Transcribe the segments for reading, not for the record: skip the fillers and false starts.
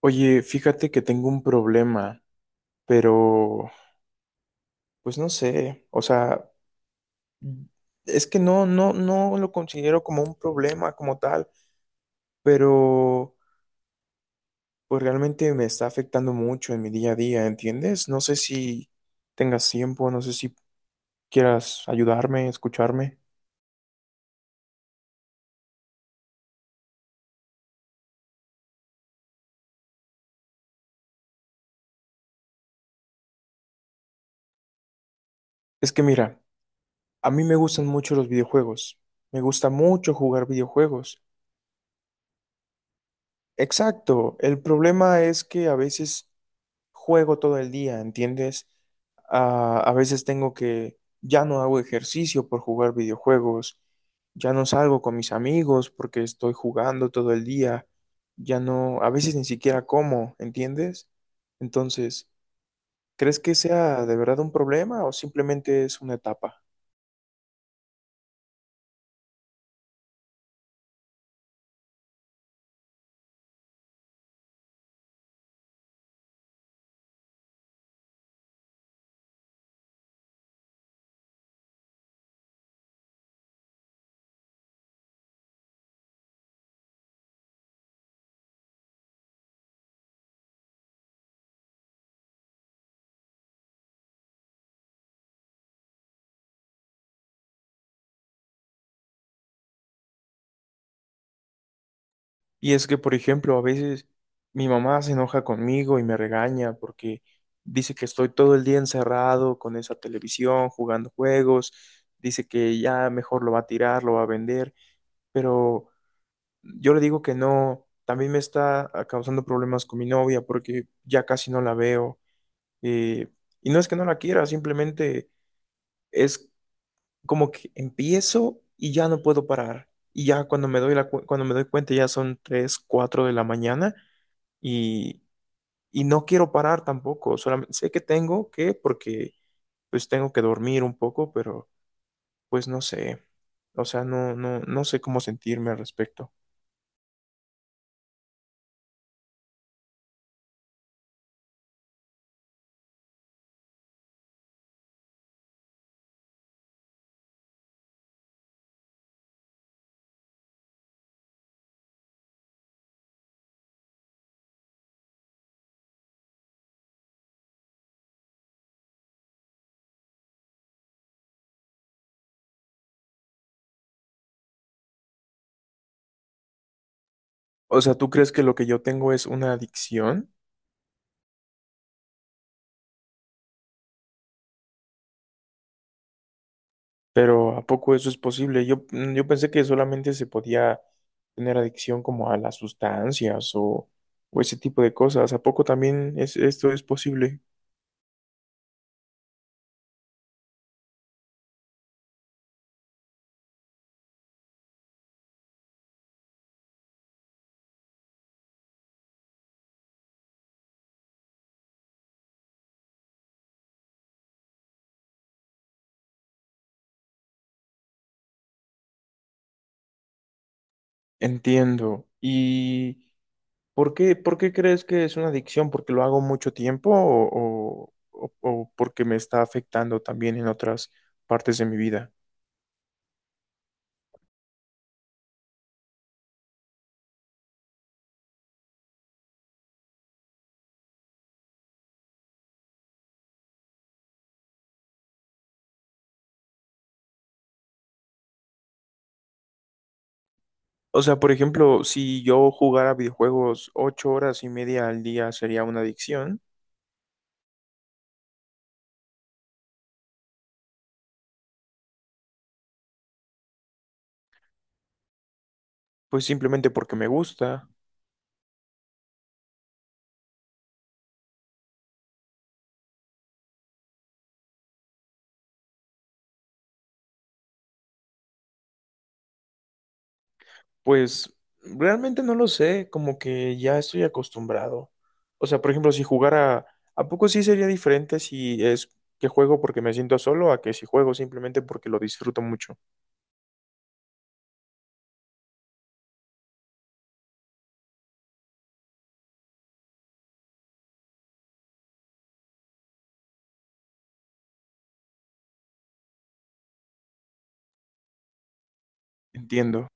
Oye, fíjate que tengo un problema, pero pues no sé, o sea, es que no, no, no lo considero como un problema como tal, pero pues realmente me está afectando mucho en mi día a día, ¿entiendes? No sé si tengas tiempo, no sé si quieras ayudarme, escucharme. Es que mira, a mí me gustan mucho los videojuegos, me gusta mucho jugar videojuegos. Exacto, el problema es que a veces juego todo el día, ¿entiendes? Ah, a veces ya no hago ejercicio por jugar videojuegos, ya no salgo con mis amigos porque estoy jugando todo el día, ya no, a veces ni siquiera como, ¿entiendes? Entonces, ¿crees que sea de verdad un problema o simplemente es una etapa? Y es que, por ejemplo, a veces mi mamá se enoja conmigo y me regaña porque dice que estoy todo el día encerrado con esa televisión, jugando juegos, dice que ya mejor lo va a tirar, lo va a vender, pero yo le digo que no, también me está causando problemas con mi novia porque ya casi no la veo. eh, y no es que no la quiera, simplemente es como que empiezo y ya no puedo parar. Y ya cuando me doy la, cu- cuando me doy cuenta ya son 3 4 de la mañana y, y no quiero parar tampoco, solamente sé que tengo que, porque pues tengo que dormir un poco, pero pues no sé, o sea, no, no, no sé cómo sentirme al respecto. O sea, ¿tú crees que lo que yo tengo es una adicción? Pero ¿a poco eso es posible? Yo pensé que solamente se podía tener adicción como a las sustancias o ese tipo de cosas. ¿A poco también, esto es posible? Entiendo. ¿Por qué crees que es una adicción? ¿Porque lo hago mucho tiempo o, o- o porque me está afectando también en otras partes de mi vida? O sea, por ejemplo, si yo jugara videojuegos 8 horas y media al día sería una adicción, pues simplemente porque me gusta. Pues realmente no lo sé, como que ya estoy acostumbrado. O sea, por ejemplo, si jugara, ¿a poco sí sería diferente si es que juego porque me siento solo a que si juego simplemente porque lo disfruto mucho? Entiendo.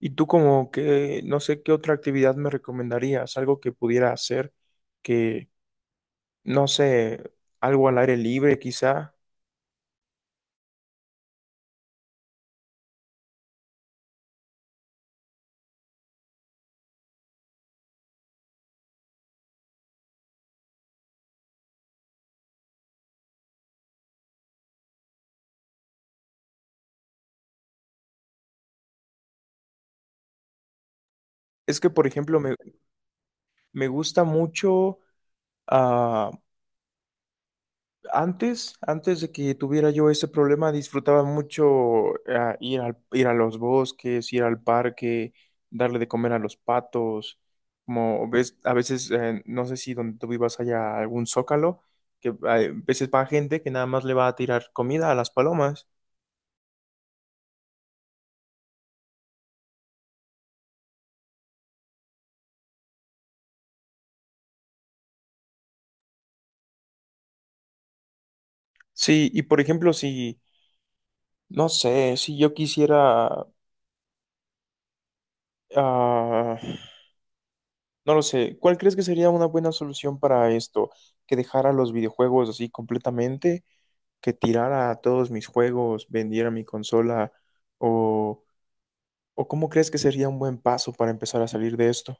¿Y tú como que, no sé, qué otra actividad me recomendarías? Algo que pudiera hacer, que, no sé, algo al aire libre quizá. Es que, por ejemplo, me gusta mucho ah, Antes, antes de que tuviera yo ese problema, disfrutaba mucho ir a los bosques, ir al parque, darle de comer a los patos. Como ves, a veces, no sé si donde tú vivas haya algún zócalo, a veces va gente que nada más le va a tirar comida a las palomas. Sí, y por ejemplo, si, no sé, si yo quisiera, ah, no lo sé, ¿cuál crees que sería una buena solución para esto? ¿Que dejara los videojuegos así completamente, que tirara a todos mis juegos, vendiera mi consola o, o, cómo crees que sería un buen paso para empezar a salir de esto?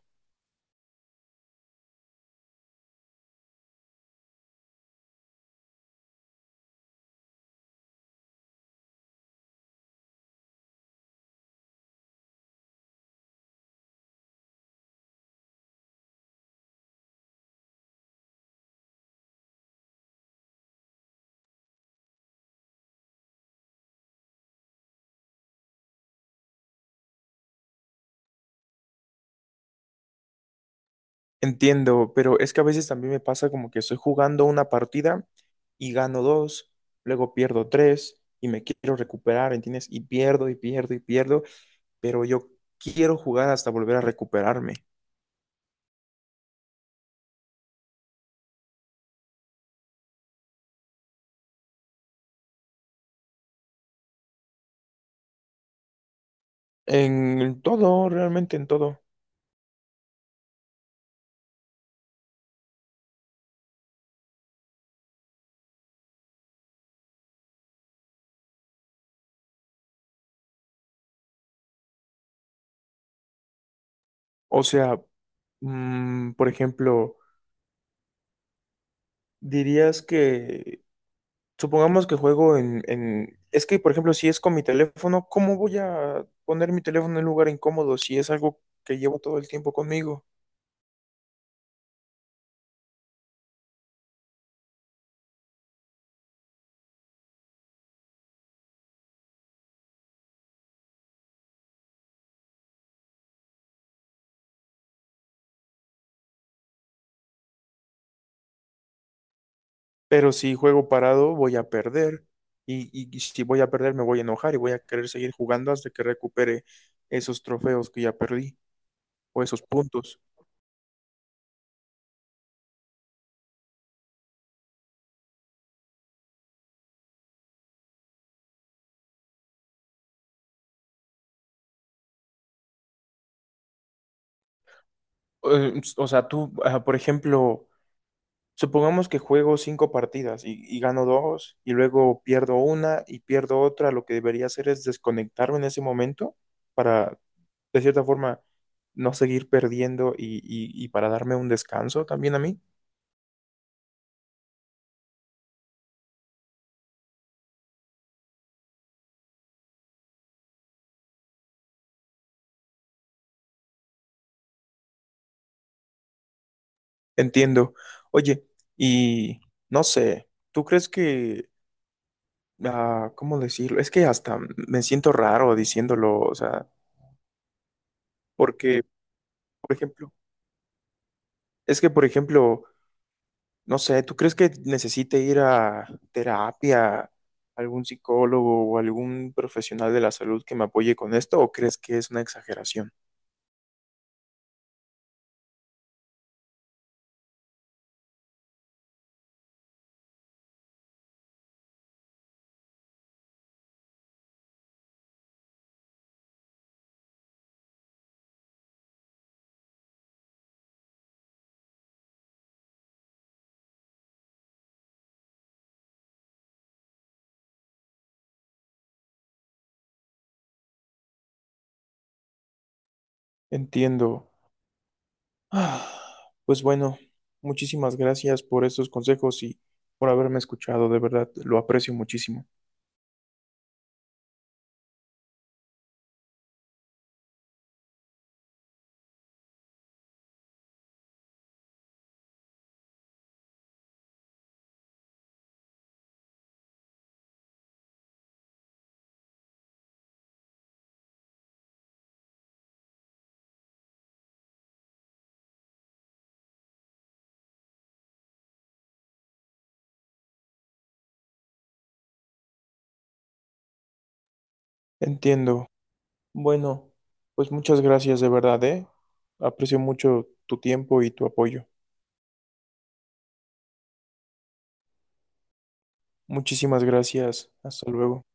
Entiendo, pero es que a veces también me pasa como que estoy jugando una partida y gano dos, luego pierdo tres y me quiero recuperar, ¿entiendes? Y pierdo y pierdo y pierdo, pero yo quiero jugar hasta volver a recuperarme. En todo, realmente en todo. O sea, por ejemplo, dirías que supongamos que juego. Es que, por ejemplo, si es con mi teléfono, ¿cómo voy a poner mi teléfono en un lugar incómodo si es algo que llevo todo el tiempo conmigo? Pero si juego parado, voy a perder. Y si voy a perder, me voy a enojar y voy a querer seguir jugando hasta que recupere esos trofeos que ya perdí o esos puntos. O sea, tú, por ejemplo... Supongamos que juego cinco partidas y, gano dos y luego pierdo una y pierdo otra. Lo que debería hacer es desconectarme en ese momento para, de cierta forma, no seguir perdiendo y, y para darme un descanso también a mí. Entiendo. Oye, y no sé, ¿tú crees que, ¿cómo decirlo? Es que hasta me siento raro diciéndolo, o sea, porque, por ejemplo, es que, por ejemplo, no sé, ¿tú crees que necesite ir a terapia, algún psicólogo o algún profesional de la salud que me apoye con esto o crees que es una exageración? Entiendo. Pues bueno, muchísimas gracias por estos consejos y por haberme escuchado, de verdad, lo aprecio muchísimo. Entiendo. Bueno, pues muchas gracias de verdad, ¿eh? Aprecio mucho tu tiempo y tu apoyo. Muchísimas gracias. Hasta luego.